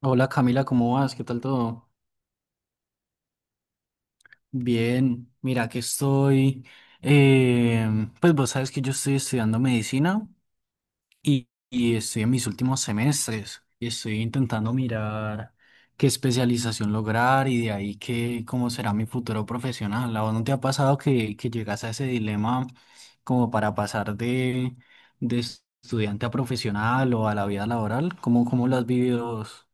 Hola Camila, ¿cómo vas? ¿Qué tal todo? Bien, mira que estoy, pues vos sabes que yo estoy estudiando medicina y estoy en mis últimos semestres y estoy intentando mirar qué especialización lograr y de ahí qué cómo será mi futuro profesional. ¿A vos no te ha pasado que llegas a ese dilema como para pasar de estudiante a profesional o a la vida laboral? ¿Cómo, cómo lo has vivido vos?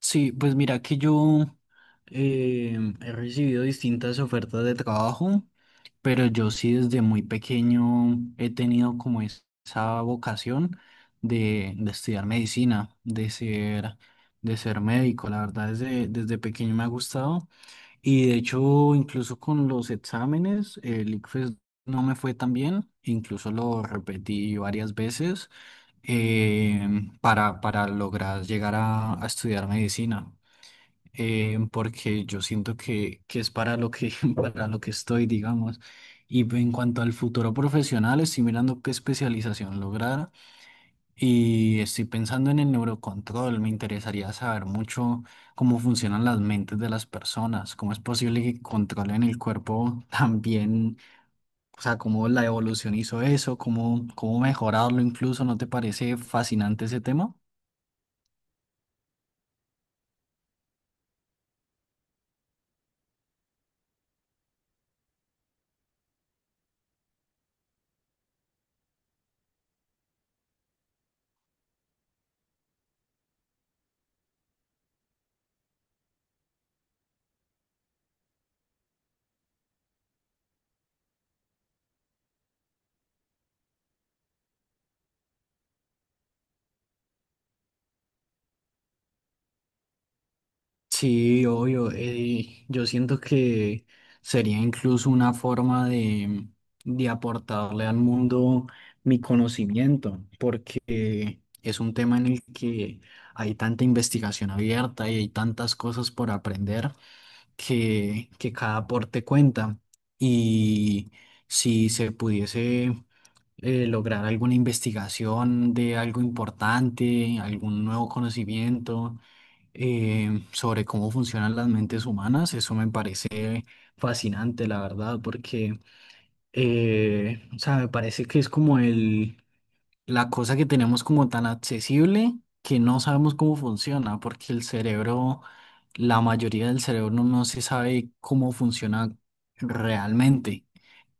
Sí, pues mira que yo he recibido distintas ofertas de trabajo, pero yo sí desde muy pequeño he tenido como esa vocación de estudiar medicina, de ser médico. La verdad, desde, desde pequeño me ha gustado y de hecho incluso con los exámenes, el ICFES no me fue tan bien, incluso lo repetí varias veces eh, para lograr llegar a estudiar medicina, porque yo siento que es para lo que, para lo que estoy, digamos. Y en cuanto al futuro profesional, estoy mirando qué especialización lograr y estoy pensando en el neurocontrol. Me interesaría saber mucho cómo funcionan las mentes de las personas, cómo es posible que controlen el cuerpo también, o sea, cómo la evolución hizo eso, cómo, cómo mejorarlo incluso. ¿No te parece fascinante ese tema? Sí, obvio. Yo siento que sería incluso una forma de aportarle al mundo mi conocimiento, porque es un tema en el que hay tanta investigación abierta y hay tantas cosas por aprender que cada aporte cuenta. Y si se pudiese lograr alguna investigación de algo importante, algún nuevo conocimiento, sobre cómo funcionan las mentes humanas. Eso me parece fascinante, la verdad, porque, o sea, me parece que es como el, la cosa que tenemos como tan accesible que no sabemos cómo funciona, porque el cerebro, la mayoría del cerebro no se sabe cómo funciona realmente.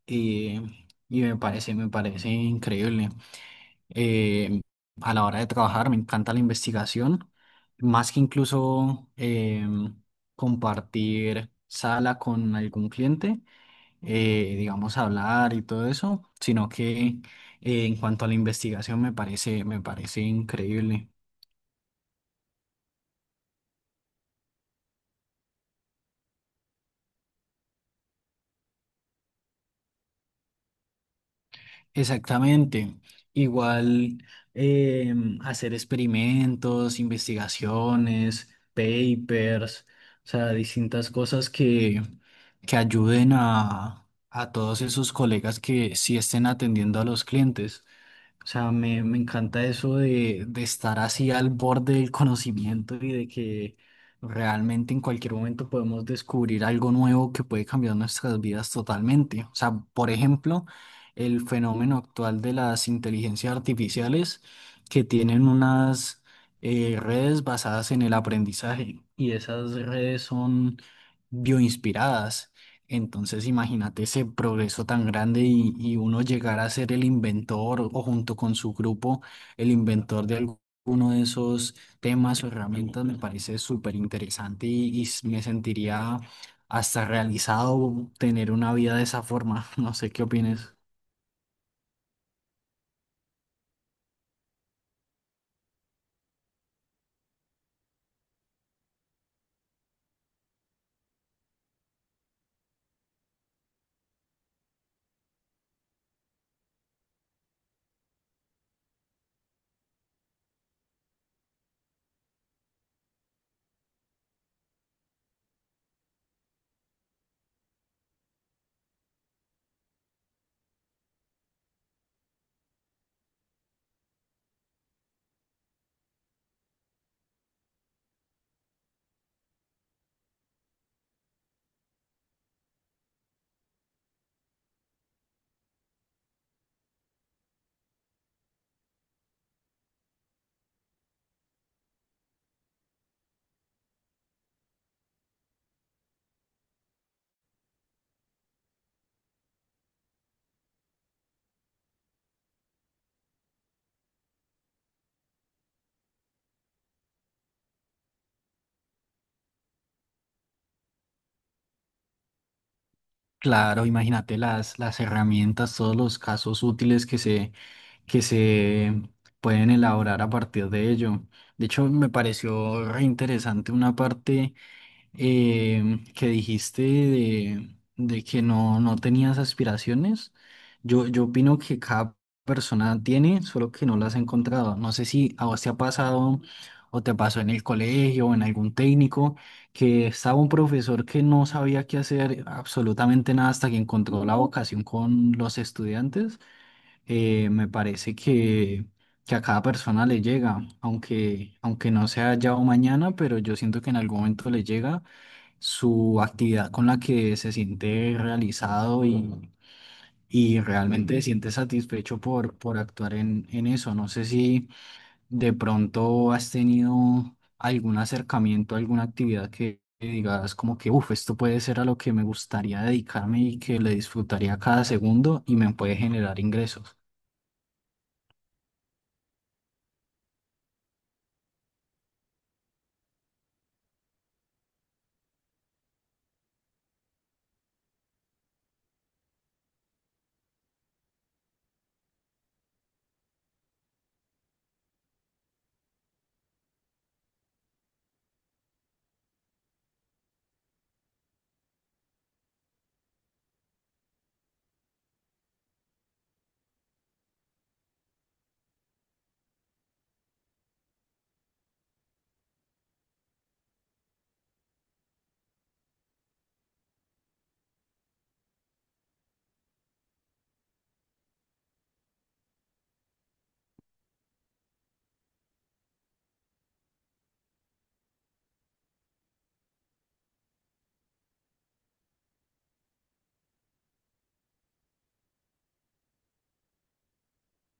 Eh, y me parece increíble, eh, a la hora de trabajar, me encanta la investigación, más que incluso compartir sala con algún cliente, digamos, hablar y todo eso, sino que en cuanto a la investigación me parece increíble. Exactamente. Igual eh, hacer experimentos, investigaciones, papers, o sea, distintas cosas que ayuden a todos esos colegas que sí estén atendiendo a los clientes. O sea, me encanta eso de estar así al borde del conocimiento y de que realmente en cualquier momento podemos descubrir algo nuevo que puede cambiar nuestras vidas totalmente. O sea, por ejemplo, el fenómeno actual de las inteligencias artificiales que tienen unas redes basadas en el aprendizaje y esas redes son bioinspiradas. Entonces, imagínate ese progreso tan grande y uno llegar a ser el inventor o junto con su grupo, el inventor de alguno de esos temas o herramientas, me parece súper interesante y, me sentiría hasta realizado tener una vida de esa forma. No sé qué opines. Claro, imagínate las herramientas, todos los casos útiles que se pueden elaborar a partir de ello. De hecho, me pareció re interesante una parte, eh, que dijiste de que no tenías aspiraciones. Yo opino que cada persona tiene, solo que no las ha encontrado. No sé si a vos te ha pasado o te pasó en el colegio o en algún técnico, que estaba un profesor que no sabía qué hacer absolutamente nada hasta que encontró la vocación con los estudiantes. Me parece que a cada persona le llega, aunque, aunque no sea ya o mañana, pero yo siento que en algún momento le llega su actividad con la que se siente realizado y realmente se siente satisfecho por actuar en eso. No sé si de pronto has tenido algún acercamiento, alguna actividad que digas como que, uff, esto puede ser a lo que me gustaría dedicarme y que le disfrutaría cada segundo y me puede generar ingresos.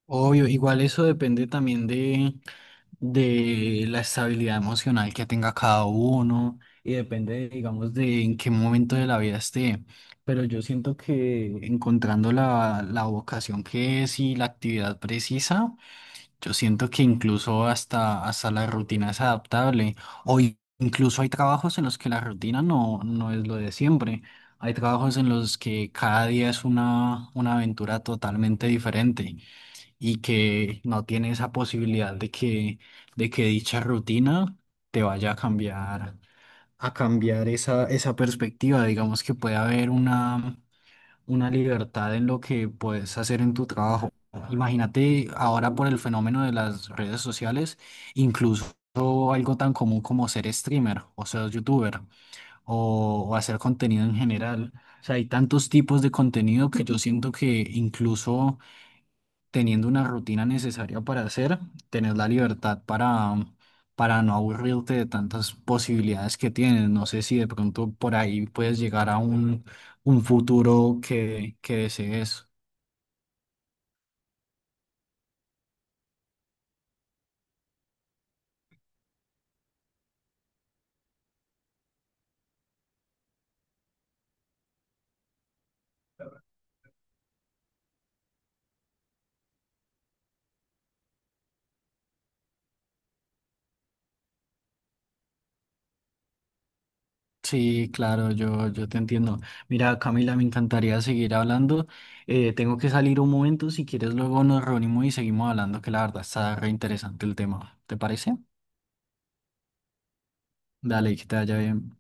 Obvio, igual eso depende también de la estabilidad emocional que tenga cada uno y depende, digamos, de en qué momento de la vida esté. Pero yo siento que encontrando la, la vocación que es y la actividad precisa, yo siento que incluso hasta, hasta la rutina es adaptable. O incluso hay trabajos en los que la rutina no es lo de siempre. Hay trabajos en los que cada día es una aventura totalmente diferente y que no tiene esa posibilidad de que dicha rutina te vaya a cambiar esa, esa perspectiva. Digamos que puede haber una libertad en lo que puedes hacer en tu trabajo. Imagínate ahora por el fenómeno de las redes sociales, incluso algo tan común como ser streamer o ser youtuber o hacer contenido en general. O sea, hay tantos tipos de contenido que yo siento que incluso teniendo una rutina necesaria para hacer, tener la libertad para, para no aburrirte de tantas posibilidades que tienes. No sé si de pronto por ahí puedes llegar a un futuro que desees. Sí, claro, yo te entiendo. Mira, Camila, me encantaría seguir hablando. Tengo que salir un momento. Si quieres, luego nos reunimos y seguimos hablando, que la verdad está re interesante el tema. ¿Te parece? Dale, que te vaya bien.